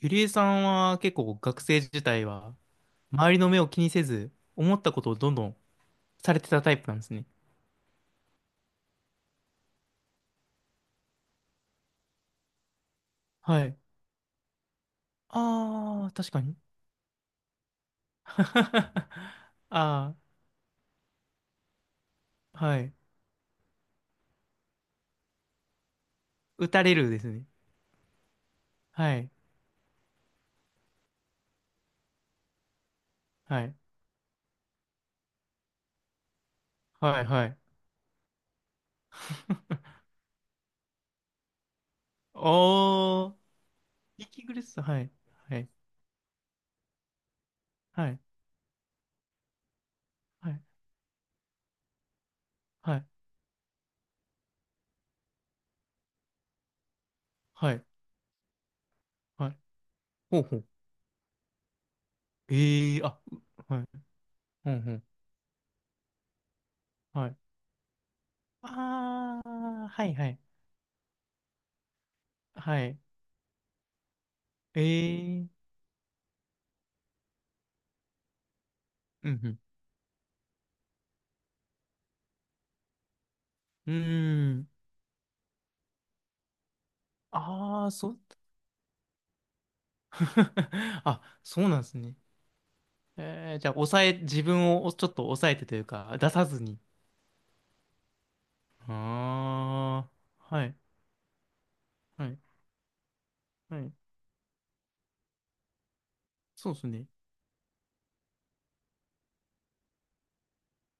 ゆりえさんは結構学生時代は周りの目を気にせず思ったことをどんどんされてたタイプなんですね。はい。ああ、確かに。ああ、はい。打たれるですね。はい。はい。はい。はい。おー、息苦しさ。はい。はい。はい。はい。はい。はい。はい。ほうほう。ええー、あ、うはい。ほうほう。はい。ああ、はい。はい。はい。ええー、うんうん。うーん。ああ、そう。あ、そうなんですね。えー、じゃあ、自分をちょっと抑えてというか、出さずに。ああ、はい、はい、はい。そうですね。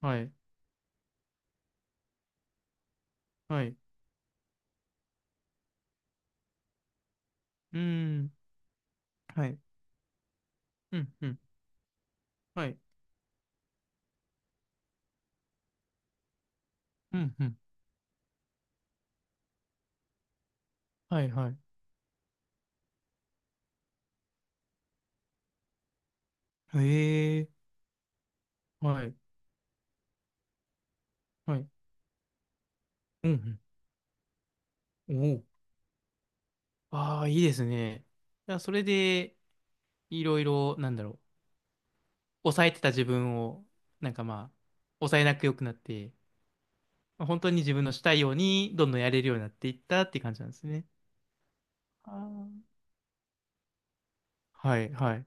はい、はい。うーん、はい。うん、うん、はい。うん、うん、はい、はい。へえ、はい、はい。うん、うん。おお。ああ、いいですね。いや、それで、いろいろ、なんだろう。抑えてた自分を、なんかまあ、抑えなく良くなって、本当に自分のしたいようにどんどんやれるようになっていったって感じなんですね。あーはい、はい。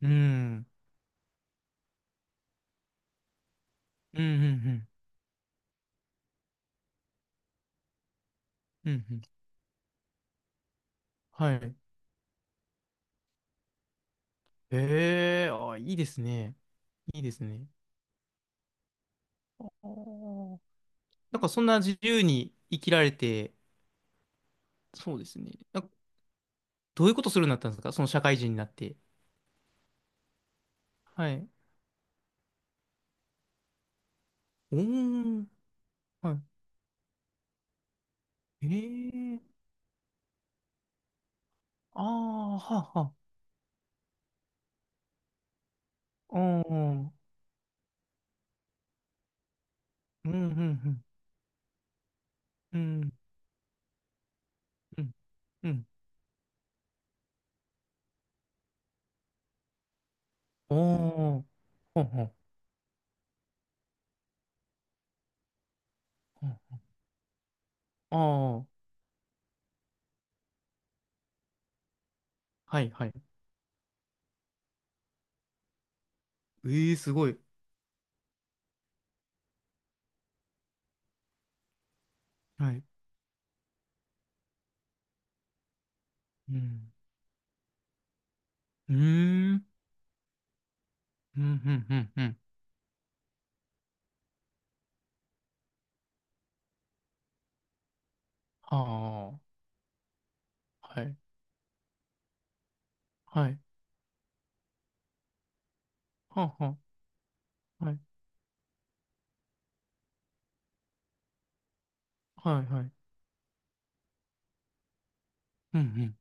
うん。うん、うん、うん。うん、うんはい。ええーあ、いいですね。いいですね。おーなんかそんな自由に生きられて、そうですね。なんかどういうことするようになったんですかその社会人になって。はい。おー、はい。ええああ、はあ、はあ。おー、うん、うん、うん、うん、うん、うん。おー、ほんほんああー、はいはい。ええすごい。はい。うん。うーん。うん、うん、うん、うん。はあ。はい。はい。はあ、はあ。はい。はい、はい。うん、うん。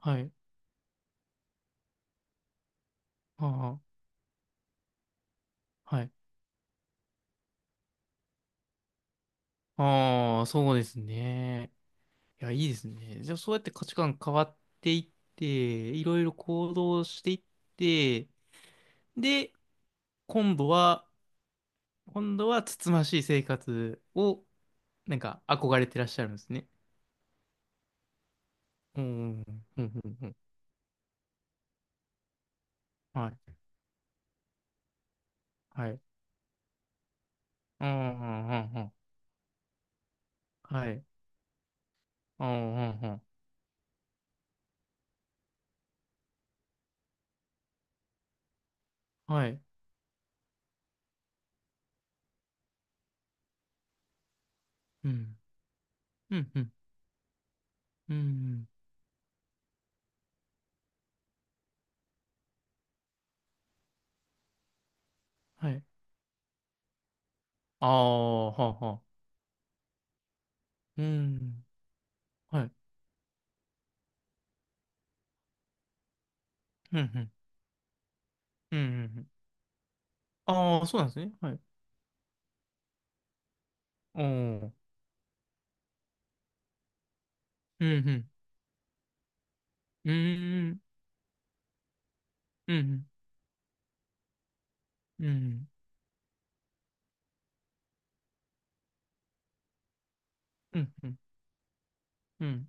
はい。はあ。はい。ああ、そうですね。いや、いいですね。じゃあ、そうやって価値観変わっていって、いろいろ行動していって、で、今度は、今度は、つつましい生活を、なんか、憧れてらっしゃるんですね。うん、うん、うん、うん。うんはい。はい。うんうんうんうん。はい。うんうんうん。はい。うん。うんうん。うん。はい。ああ、はあはあ。うん。はい。うんうん。うんうんうん。ああ、そうなんですね。はい。おお。うんうん。うん。うん。うん。うん。うん。うん。うん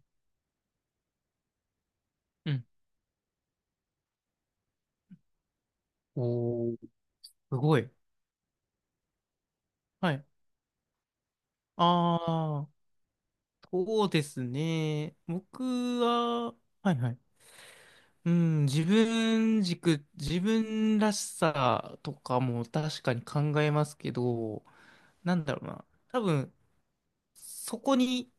うんおおー、すごい。はい。ああ、そうですね。僕は、はいはい。うん、自分軸、自分らしさとかも確かに考えますけど、なんだろうな。多分、そこに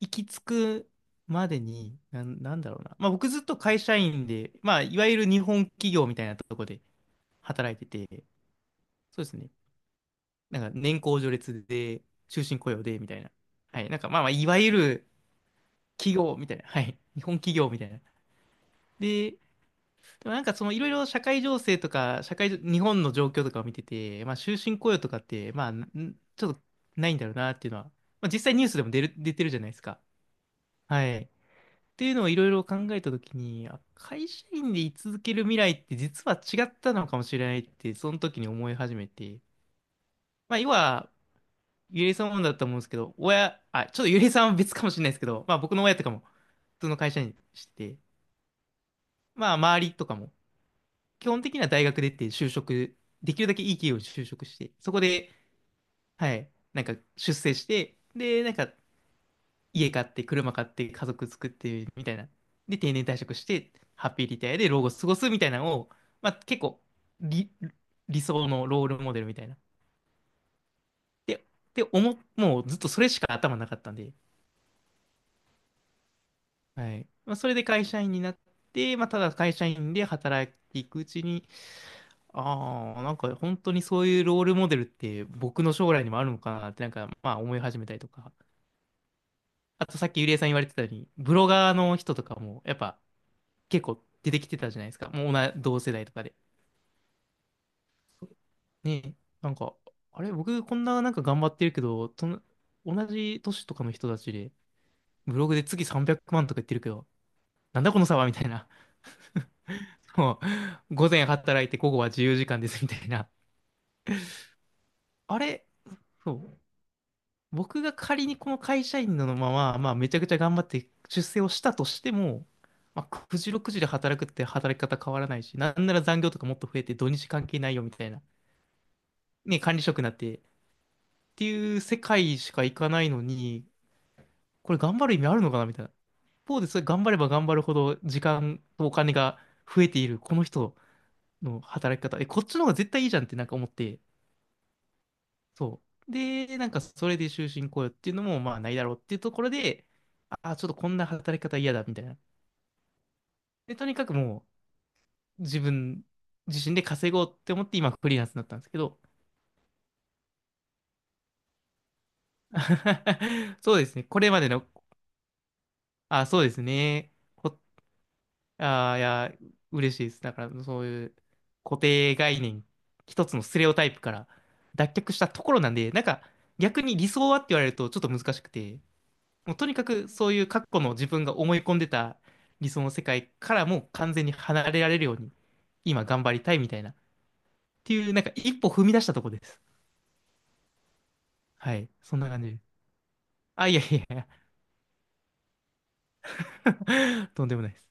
行き着くまでに、なんだろうな。まあ僕ずっと会社員で、まあいわゆる日本企業みたいなとこで働いてて、そうですね。なんか年功序列で、終身雇用で、みたいな。はい。なんかまあまあ、いわゆる企業みたいな。はい。日本企業みたいな。で、でもなんかそのいろいろ社会情勢とか、社会、日本の状況とかを見てて、まあ終身雇用とかって、まあ、ちょっとないんだろうなっていうのは、まあ実際ニュースでも出てるじゃないですか。はい。っていうのをいろいろ考えたときに、あ会社員で居続ける未来って実は違ったのかもしれないって、その時に思い始めて、まあ要は、ゆりえさんもだったと思うんですけど、親、あ、ちょっとゆりえさんは別かもしれないですけど、まあ僕の親とかも普通の会社員してて、まあ周りとかも、基本的には大学出て就職、できるだけいい企業に就職して、そこで、はい、なんか出世して、で、なんか家買って、車買って、家族作って、みたいな。で、定年退職して、ハッピーリタイアで老後過ごすみたいなのを、まあ結構、理、理想のロールモデルみたいな。で、で、もうずっとそれしか頭なかったんで、はい。まあ、それで会社員になって、まあただ会社員で働いていくうちに、ああ、なんか本当にそういうロールモデルって僕の将来にもあるのかなってなんかまあ思い始めたりとか。あとさっきゆりえさん言われてたように、ブロガーの人とかもやっぱ結構出てきてたじゃないですか。もう同じ同世代とかで。ねえ、なんか、あれ、僕こんななんか頑張ってるけど、同じ年とかの人たちで、ブログで月300万とか言ってるけど、なんだこの差はみたいな。もう、午前働いて午後は自由時間ですみたいな。あれ、そう。僕が仮にこの会社員のまま、まあ、めちゃくちゃ頑張って出世をしたとしても、まあ、9時6時で働くって働き方変わらないし、なんなら残業とかもっと増えて土日関係ないよみたいな、ね、管理職になってっていう世界しか行かないのに、これ頑張る意味あるのかなみたいな。一方でそれ頑張れば頑張るほど時間とお金が増えているこの人の働き方、え、こっちの方が絶対いいじゃんってなんか思って、そう。で、なんかそれで終身雇用っていうのもまあないだろうっていうところで、ああ、ちょっとこんな働き方嫌だみたいな。で、とにかくもう自分自身で稼ごうって思って今フリーランスになったんですけど、そうですね。これまでの、あ、そうですね。あ、いや、嬉しいです。だからそういう固定概念、一つのステレオタイプから脱却したところなんで、なんか逆に理想はって言われるとちょっと難しくて、もうとにかくそういう過去の自分が思い込んでた理想の世界からもう完全に離れられるように今頑張りたいみたいなっていうなんか一歩踏み出したとこです。はい。そんな感じです。あ、いやいやいや、とんでもないです。